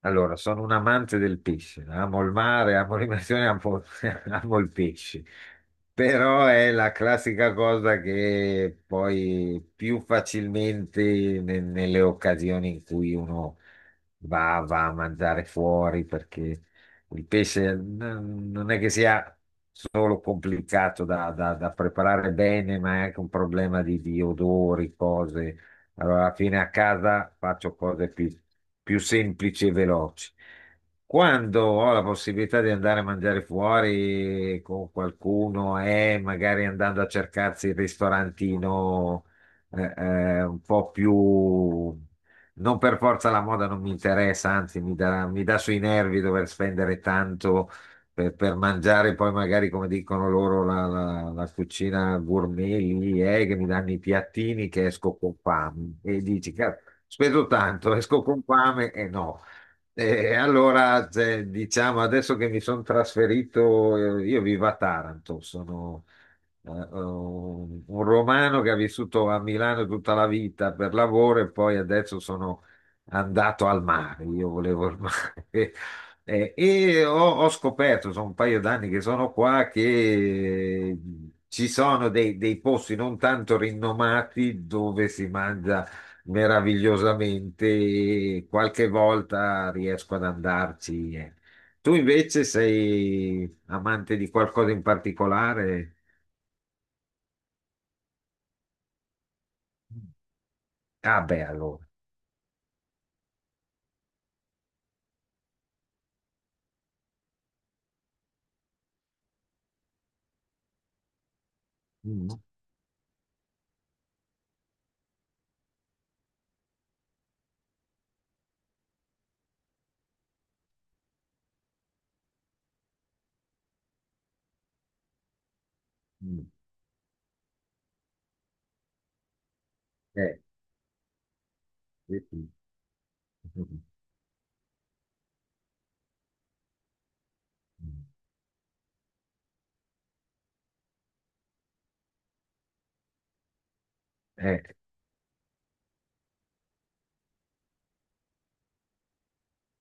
Allora, sono un amante del pesce, amo il mare, amo l'immersione, amo il pesce, però è la classica cosa che poi più facilmente nelle occasioni in cui uno va a mangiare fuori, perché il pesce non è che sia solo complicato da preparare bene, ma è anche un problema di odori, cose. Allora, alla fine a casa faccio cose più semplici e veloci. Quando ho la possibilità di andare a mangiare fuori con qualcuno e magari andando a cercarsi il ristorantino un po' più. Non per forza la moda non mi interessa, anzi mi dà sui nervi dover spendere tanto per mangiare poi magari come dicono loro la cucina gourmet lì, che mi danno i piattini che esco con fame e dici, "Cazzo, spendo tanto, esco con fame e no." E allora, cioè, diciamo, adesso che mi sono trasferito, io vivo a Taranto, sono eh, un un romano che ha vissuto a Milano tutta la vita per lavoro e poi adesso sono andato al mare, io volevo il mare E ho scoperto, sono un paio d'anni che sono qua, che eh, ci sono dei posti non tanto rinomati dove si mangia meravigliosamente e qualche volta riesco ad andarci. Tu invece sei amante di qualcosa in particolare? Ah, beh, allora. Mm, mm, eh, sì. Eh,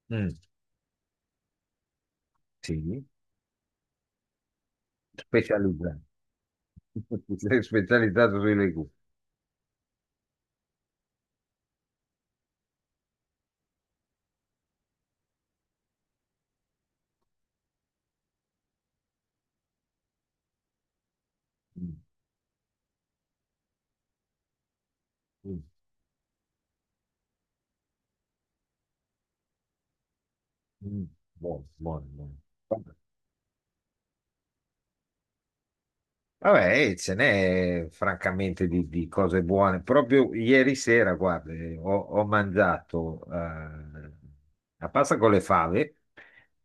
mm, sì, specializzato. Sei specializzato sui legumi. Mm, mm, mm. Buono, buono, buono. Vabbè, vabbè, ce n'è francamente di cose buone. Proprio ieri sera, guarda, ho mangiato la pasta con le fave,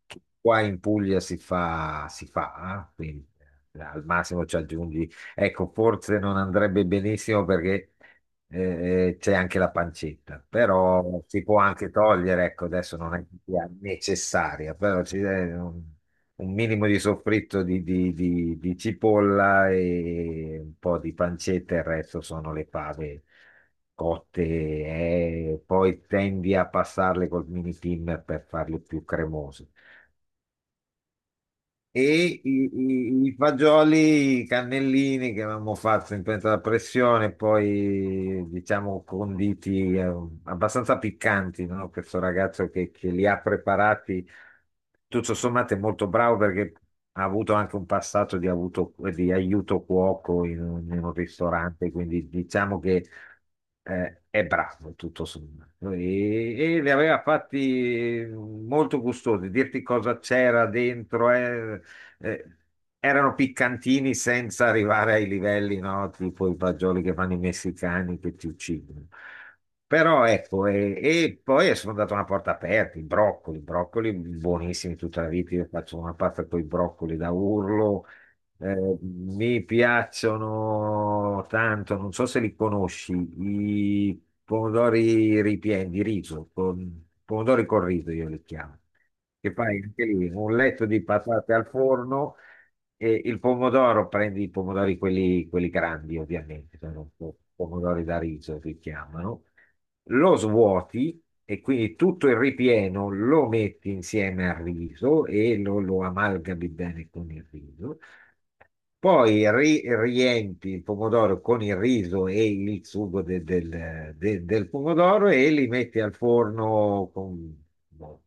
che qua in Puglia si fa, quindi al massimo ci aggiungi. Ecco, forse non andrebbe benissimo perché c'è anche la pancetta, però si può anche togliere, ecco, adesso non è che sia necessaria, però ci, non- un minimo di soffritto di cipolla e un po' di pancetta, il resto sono le fave cotte e poi tendi a passarle col mini thinner per farle più cremose e i fagioli cannellini che avevamo fatto in pentola a pressione, poi diciamo conditi abbastanza piccanti, no? Questo ragazzo che li ha preparati, tutto sommato è molto bravo perché ha avuto anche un passato di aiuto cuoco in un ristorante, quindi diciamo che è bravo tutto sommato. E li aveva fatti molto gustosi, dirti cosa c'era dentro. Eh, Erano piccantini senza arrivare ai livelli, no? Tipo i fagioli che fanno i messicani che ti uccidono. Però ecco, e poi sono andato a una porta aperta, i broccoli, broccoli buonissimi tutta la vita, io faccio una pasta con i broccoli da urlo, mi piacciono tanto, non so se li conosci, i pomodori ripieni di riso, pomodori col riso io li chiamo, che fai anche lì un letto di patate al forno e il pomodoro, prendi i pomodori quelli grandi ovviamente, sono pomodori da riso si chiamano, lo svuoti e quindi tutto il ripieno lo metti insieme al riso e lo amalgami bene con il riso. Poi riempi il pomodoro con il riso e il sugo del pomodoro e li metti al forno con boh,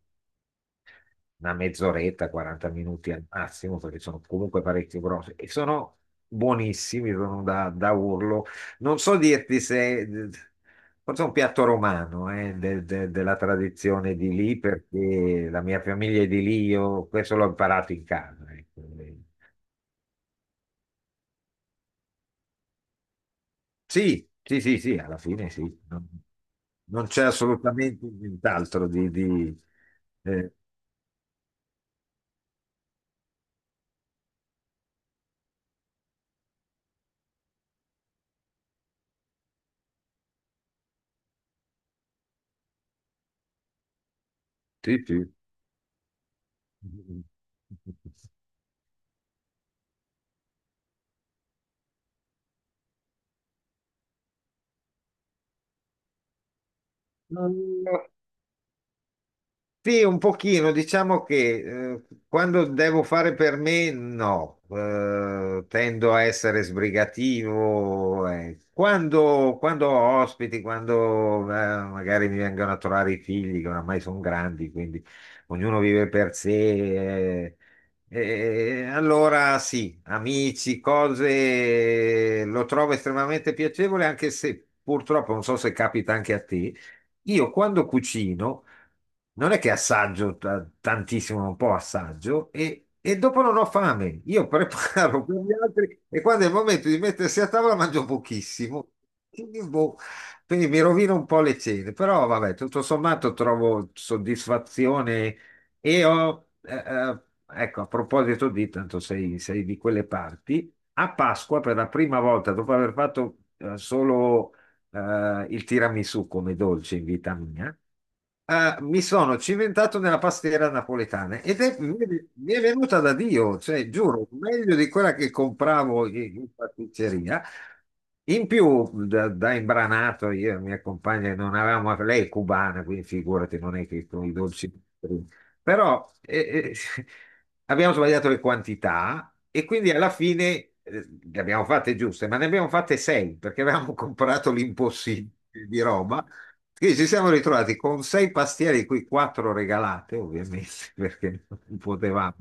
una mezz'oretta, 40 minuti al massimo, perché sono comunque parecchio grossi e sono buonissimi, sono da urlo. Non so dirti se forse è un piatto romano, della tradizione di lì, perché la mia famiglia è di lì, io questo l'ho imparato in casa. Ecco. Sì, sì, sì, sì, alla fine sì. Non, non c'è assolutamente nient'altro. eh, sì, sì. Sì, un pochino, diciamo che quando devo fare per me, no, tendo a essere sbrigativo. Quando ho ospiti, quando magari mi vengono a trovare i figli, che oramai sono grandi, quindi ognuno vive per sé. eh, allora, sì, amici, cose, lo trovo estremamente piacevole, anche se purtroppo non so se capita anche a te. Io quando cucino. Non è che assaggio tantissimo, un po' assaggio e dopo non ho fame. Io preparo per gli altri e quando è il momento di mettersi a tavola mangio pochissimo. Boh, quindi mi rovino un po' le cene, però vabbè, tutto sommato trovo soddisfazione e ecco, a proposito di, tanto sei, di quelle parti, a Pasqua per la prima volta, dopo aver fatto solo il tiramisù come dolce in vita mia. Ah, mi sono cimentato nella pastiera napoletana mi è venuta da Dio, cioè giuro, meglio di quella che compravo in pasticceria. In più, da imbranato, io e mia compagna non avevamo, lei è cubana, quindi figurati, non è che con i dolci. Però abbiamo sbagliato le quantità e quindi alla fine le abbiamo fatte giuste, ma ne abbiamo fatte sei perché avevamo comprato l'impossibile di Roma, quindi ci siamo ritrovati con sei pastiere, di cui quattro regalate, ovviamente, perché non potevamo.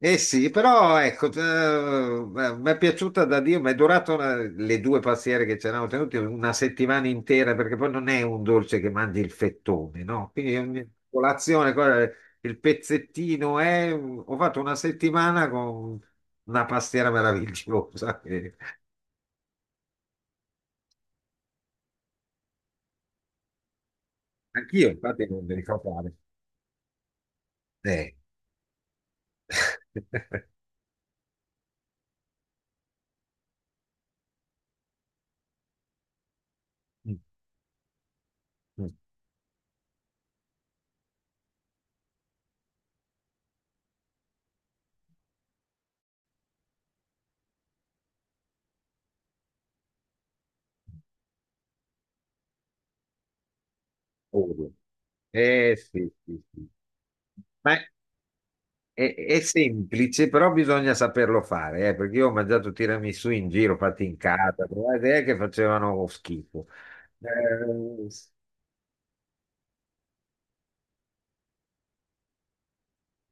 Eh sì, però ecco, mi è piaciuta da Dio, mi è durato le due pastiere che ci eravamo tenuti una settimana intera, perché poi non è un dolce che mangi il fettone, no? Quindi ogni colazione, il pezzettino è. Ho fatto una settimana con una pastiera meravigliosa. Anch'io, infatti, non mi ricordavo. Eh. Ovvio. Eh sì, sì, sì. Ma è semplice, però bisogna saperlo fare, perché io ho mangiato tiramisù in giro, fatti in casa, però è che facevano schifo. Eh,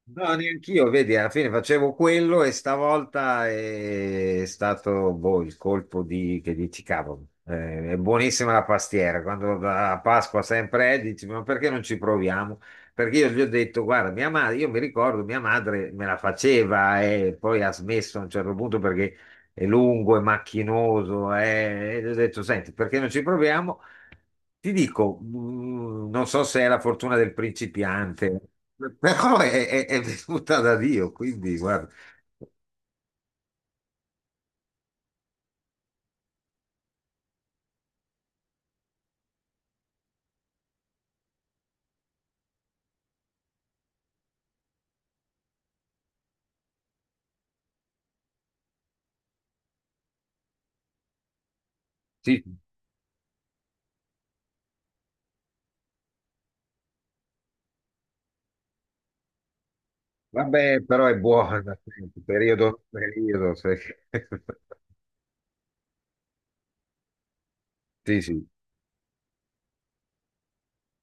No, neanch'io, vedi, alla fine facevo quello e stavolta è stato boh, il colpo che dici, cavolo, è buonissima la pastiera, quando a Pasqua sempre è, dici, ma perché non ci proviamo? Perché io gli ho detto, guarda, mia madre, io mi ricordo, mia madre me la faceva e poi ha smesso a un certo punto perché è lungo, è macchinoso, e gli ho detto, senti, perché non ci proviamo? Ti dico, non so se è la fortuna del principiante. Però è venuta da Dio, quindi guarda. Sì, vabbè, però è buona, sì, periodo, periodo, sì, sì, sì,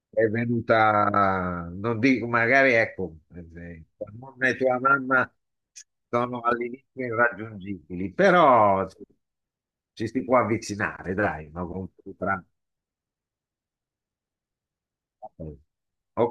è venuta, non dico, magari ecco, tua nonna e tua mamma sono all'inizio irraggiungibili, però ci si può avvicinare, dai, no? Ok,